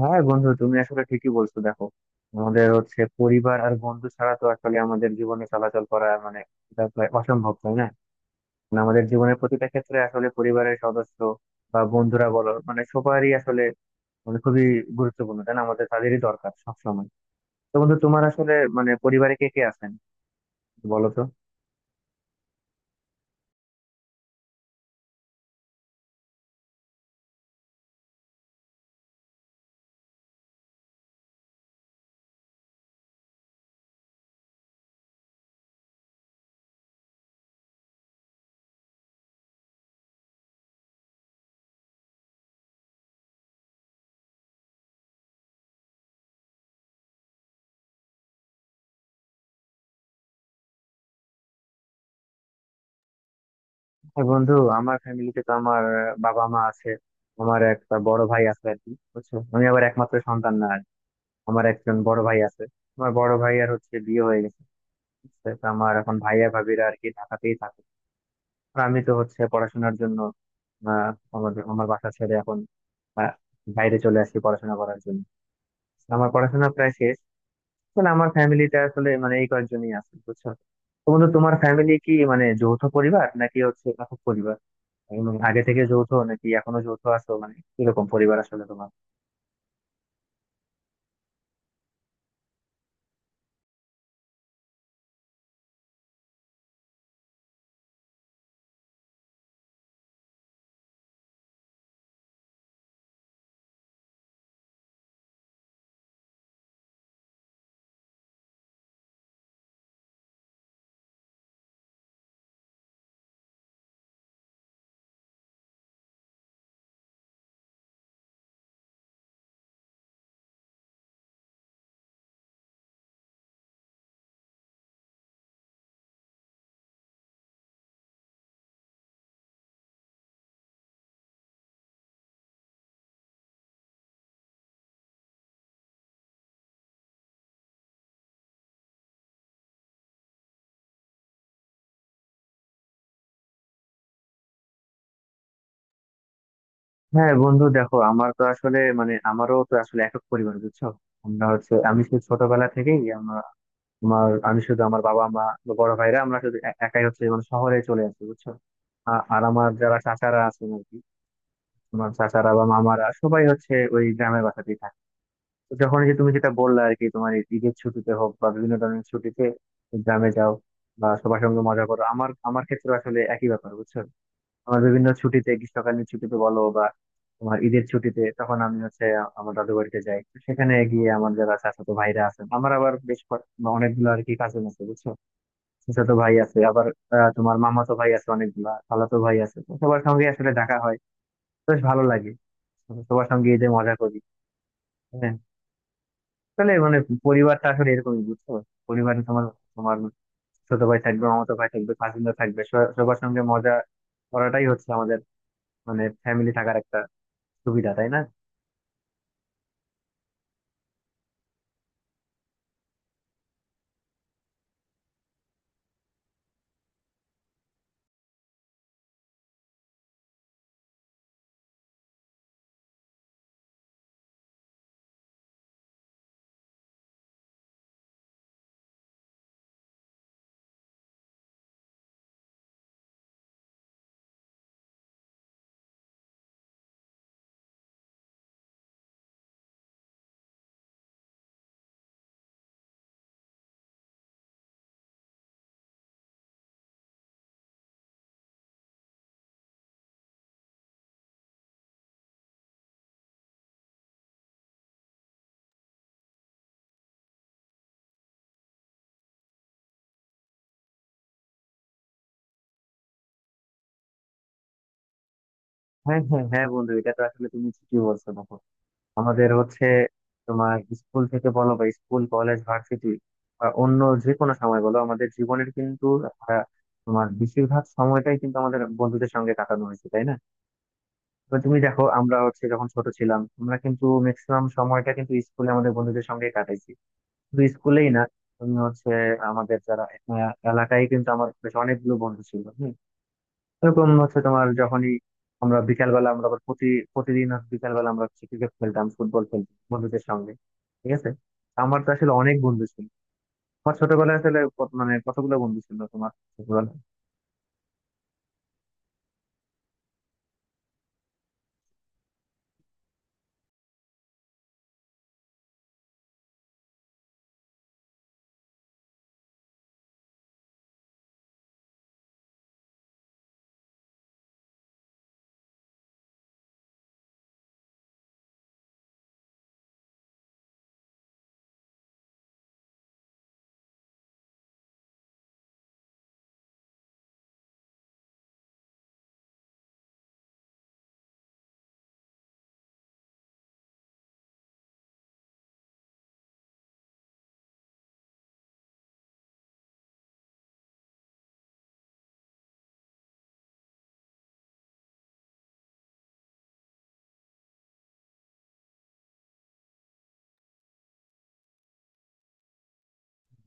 হ্যাঁ বন্ধু, তুমি আসলে ঠিকই বলছো। দেখো, আমাদের হচ্ছে পরিবার আর বন্ধু ছাড়া তো আসলে আমাদের জীবনে চলাচল করা মানে এটা প্রায় অসম্ভব, তাই না? মানে আমাদের জীবনের প্রতিটা ক্ষেত্রে আসলে পরিবারের সদস্য বা বন্ধুরা বলো, মানে সবারই আসলে মানে খুবই গুরুত্বপূর্ণ, তাই না? আমাদের তাদেরই দরকার সবসময়। তো বন্ধু, তোমার আসলে মানে পরিবারে কে কে আছেন বলো তো। হ্যাঁ বন্ধু, আমার ফ্যামিলিতে তো আমার বাবা মা আছে, আমার একটা বড় ভাই আছে আর কি। বুঝছো, আমি আবার একমাত্র সন্তান না, আমার একজন বড় ভাই আছে। আমার বড় ভাই আর হচ্ছে বিয়ে হয়ে গেছে, ঠিক আছে? তো আমার এখন ভাইয়া ভাবিরা আর কি ঢাকাতেই থাকে। আর আমি তো হচ্ছে পড়াশোনার জন্য আহ আমাদের আমার বাসা ছেড়ে এখন আহ, বাইরে চলে আসি পড়াশোনা করার জন্য। আমার পড়াশোনা প্রায় শেষ। আসলে আমার ফ্যামিলিতে আসলে মানে এই কয়েকজনই আছে, বুঝছো। তো বন্ধু, তোমার ফ্যামিলি কি মানে যৌথ পরিবার নাকি হচ্ছে একক পরিবার, এবং আগে থেকে যৌথ নাকি এখনো যৌথ আছো, মানে কিরকম পরিবার আসলে তোমার? হ্যাঁ বন্ধু, দেখো আমার তো আসলে মানে আমারও তো আসলে একক পরিবার, বুঝছো। আমরা হচ্ছে আমি শুধু ছোটবেলা থেকেই আমরা তোমার আমি শুধু আমার বাবা মা বা বড় ভাইরা আমরা শুধু একাই হচ্ছে মানে শহরে চলে আসি, বুঝছো। আর আমার যারা চাচারা আছেন আর কি তোমার চাচারা বা মামারা সবাই হচ্ছে ওই গ্রামের বাসাতেই থাকে। তো যখন এই যে তুমি যেটা বললা আর কি, তোমার এই ঈদের ছুটিতে হোক বা বিভিন্ন ধরনের ছুটিতে গ্রামে যাও বা সবার সঙ্গে মজা করো, আমার আমার ক্ষেত্রে আসলে একই ব্যাপার, বুঝছো। আমার বিভিন্ন ছুটিতে গ্রীষ্মকালীন ছুটিতে বলো বা তোমার ঈদের ছুটিতে তখন আমি হচ্ছে আমার দাদু বাড়িতে যাই। তো সেখানে গিয়ে আমার যারা চাচাতো ভাইরা আছেন, আমার আবার অনেকগুলো আর কি কাজিন আছে, বুঝছো। চাচাতো ভাই আছে, আবার তোমার মামাতো ভাই আছে অনেকগুলা, খালাতো ভাই আছে। তো সবার সঙ্গে আসলে দেখা হয়, বেশ ভালো লাগে, সবার সঙ্গে ঈদে মজা করি। হ্যাঁ, তাহলে মানে পরিবারটা আসলে এরকমই, বুঝছো। পরিবারে তোমার তোমার ছোট ভাই থাকবে, মামাতো ভাই থাকবে, কাজিনরা থাকবে, সবার সবার সঙ্গে মজা করাটাই হচ্ছে আমাদের মানে ফ্যামিলি থাকার একটা সুবিধা, তাই না? হ্যাঁ হ্যাঁ হ্যাঁ বন্ধু, এটা তো আসলে তুমি ঠিকই বলছো। দেখো, আমাদের হচ্ছে তোমার স্কুল থেকে বলো বা স্কুল কলেজ ভার্সিটি বা অন্য যে কোনো সময় বলো, আমাদের জীবনের কিন্তু আহ, তোমার বেশিরভাগ সময়টাই কিন্তু আমাদের বন্ধুদের সঙ্গে কাটানো হয়েছে, তাই না? তো তুমি দেখো আমরা হচ্ছে যখন ছোট ছিলাম, আমরা কিন্তু ম্যাক্সিমাম সময়টা কিন্তু স্কুলে আমাদের বন্ধুদের সঙ্গে কাটাইছি। শুধু স্কুলেই না, তুমি হচ্ছে আমাদের যারা এলাকায় কিন্তু আমার বেশ অনেকগুলো বন্ধু ছিল। এরকম হচ্ছে তোমার যখনই আমরা বিকালবেলা, আমরা আবার প্রতিদিন হচ্ছে বিকালবেলা আমরা হচ্ছে ক্রিকেট খেলতাম, ফুটবল খেলতাম বন্ধুদের সঙ্গে, ঠিক আছে। আমার তো আসলে অনেক বন্ধু ছিল আমার ছোটবেলায়। আসলে মানে কতগুলো বন্ধু ছিল তোমার ছোটবেলায়?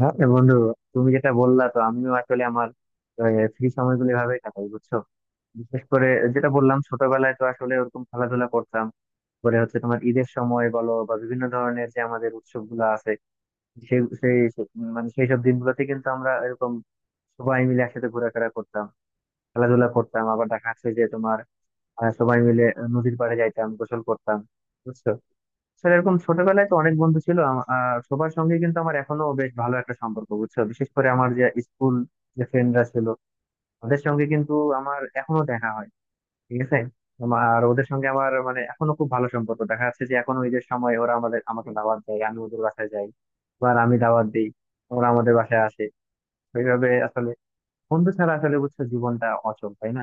হ্যাঁ এ বন্ধু, তুমি যেটা বললা তো আমিও আসলে আমার ফ্রি সময়গুলো এভাবে কাটাই, বুঝছো। বিশেষ করে, যেটা বললাম ছোটবেলায় তো আসলে ওরকম খেলাধুলা করতাম। পরে হচ্ছে তোমার ঈদের সময় বলো বা বিভিন্ন ধরনের যে আমাদের উৎসবগুলো আছে, সেই সেই সে- মানে সেই সব দিনগুলোতে কিন্তু আমরা এরকম সবাই মিলে একসাথে ঘোরাফেরা করতাম, খেলাধুলা করতাম। আবার দেখা যাচ্ছে যে তোমার সবাই মিলে নদীর পাড়ে যাইতাম, গোসল করতাম, বুঝছো। আসলে এরকম ছোটবেলায় তো অনেক বন্ধু ছিল। সবার সঙ্গে কিন্তু আমার এখনো বেশ ভালো একটা সম্পর্ক, বুঝছো। বিশেষ করে আমার যে স্কুল, যে ফ্রেন্ডরা ছিল, ওদের সঙ্গে কিন্তু আমার এখনো দেখা হয়, ঠিক আছে। আর ওদের সঙ্গে আমার মানে এখনো খুব ভালো সম্পর্ক। দেখা যাচ্ছে যে এখন ওই যে সময় ওরা আমাদের আমাকে দাওয়াত দেয়, আমি ওদের বাসায় যাই, বা আমি দাওয়াত দিই, ওরা আমাদের বাসায় আসে। ওইভাবে আসলে বন্ধু ছাড়া আসলে বুঝছো জীবনটা অচল, তাই না?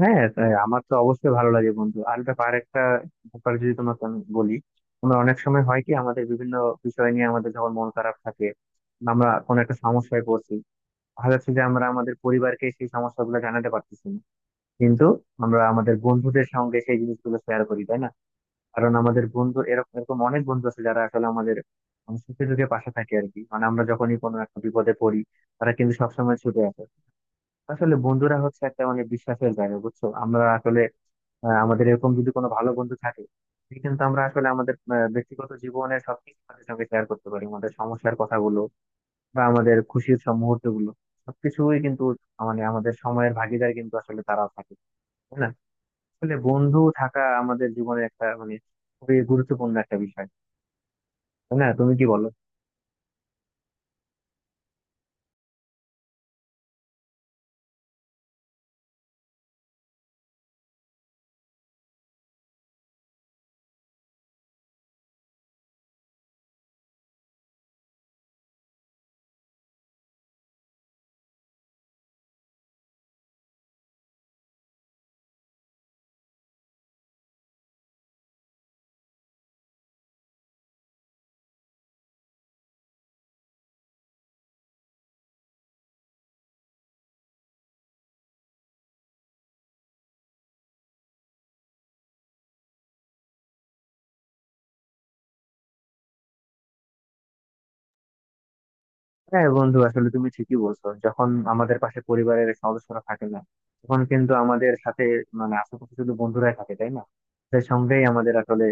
হ্যাঁ তাই, আমার তো অবশ্যই ভালো লাগে বন্ধু। আর একটা ব্যাপার যদি তোমাকে আমি বলি, আমরা অনেক সময় হয় কি আমাদের বিভিন্ন বিষয় নিয়ে, আমাদের যখন মন খারাপ থাকে, আমরা কোনো একটা সমস্যায় পড়ছি, দেখা যাচ্ছে যে আমরা আমাদের পরিবারকে সেই সমস্যাগুলো জানাতে পারতেছি না, কিন্তু আমরা আমাদের বন্ধুদের সঙ্গে সেই জিনিসগুলো শেয়ার করি, তাই না? কারণ আমাদের বন্ধু এরকম এরকম অনেক বন্ধু আছে যারা আসলে আমাদের মানে সুখে দুঃখে পাশে থাকে আর কি। মানে আমরা যখনই কোনো একটা বিপদে পড়ি, তারা কিন্তু সবসময় ছুটে আসে। আসলে বন্ধুরা হচ্ছে একটা মানে বিশ্বাসের জায়গা, বুঝছো। আমরা আসলে আমাদের এরকম যদি কোনো ভালো বন্ধু থাকে, তাহলে কিন্তু আমরা আসলে আমাদের ব্যক্তিগত জীবনের সবকিছু তাদের সঙ্গে শেয়ার করতে পারি, আমাদের সমস্যার কথাগুলো বা আমাদের খুশির সব মুহূর্ত গুলো, সবকিছুই কিন্তু মানে আমাদের সময়ের ভাগিদার কিন্তু আসলে তারা থাকে, তাই না? আসলে বন্ধু থাকা আমাদের জীবনে একটা মানে খুবই গুরুত্বপূর্ণ একটা বিষয়, তাই না, তুমি কি বলো? হ্যাঁ বন্ধু, আসলে তুমি ঠিকই বলছো। যখন আমাদের পাশে পরিবারের সদস্যরা থাকে না, তখন কিন্তু আমাদের সাথে মানে আশেপাশে শুধু বন্ধুরাই থাকে, তাই না? তাদের সঙ্গেই আমাদের আসলে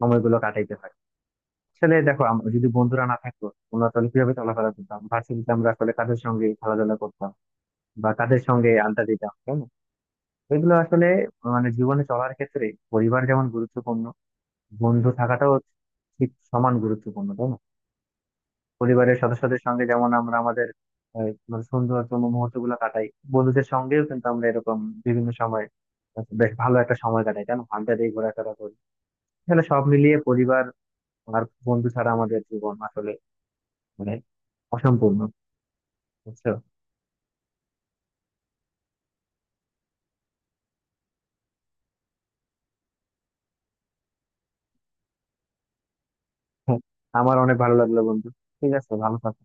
সময়গুলো কাটাইতে হয়। আসলে দেখো, আমরা যদি বন্ধুরা না থাকতো, আমরা তাহলে কিভাবে চলাফেরা করতাম ভার্সিটিতে? আমরা আসলে কাদের সঙ্গে খেলাধুলা করতাম বা কাদের সঙ্গে আড্ডা দিতাম, তাই না? এগুলো আসলে মানে জীবনে চলার ক্ষেত্রে পরিবার যেমন গুরুত্বপূর্ণ, বন্ধু থাকাটাও ঠিক সমান গুরুত্বপূর্ণ, তাই না? পরিবারের সদস্যদের সঙ্গে যেমন আমরা আমাদের মানে সুন্দরতম মুহূর্ত গুলো কাটাই, বন্ধুদের সঙ্গেও কিন্তু আমরা এরকম বিভিন্ন সময় বেশ ভালো একটা সময় কাটাই, তাই না, আড্ডা দিয়ে ঘোরাফেরা করি। তাহলে সব মিলিয়ে পরিবার আর বন্ধু ছাড়া আমাদের জীবন আসলে মানে অসম্পূর্ণ, বুঝছো। হ্যাঁ, আমার অনেক ভালো লাগলো বন্ধু। ঠিক আছে, ভালো থাকো।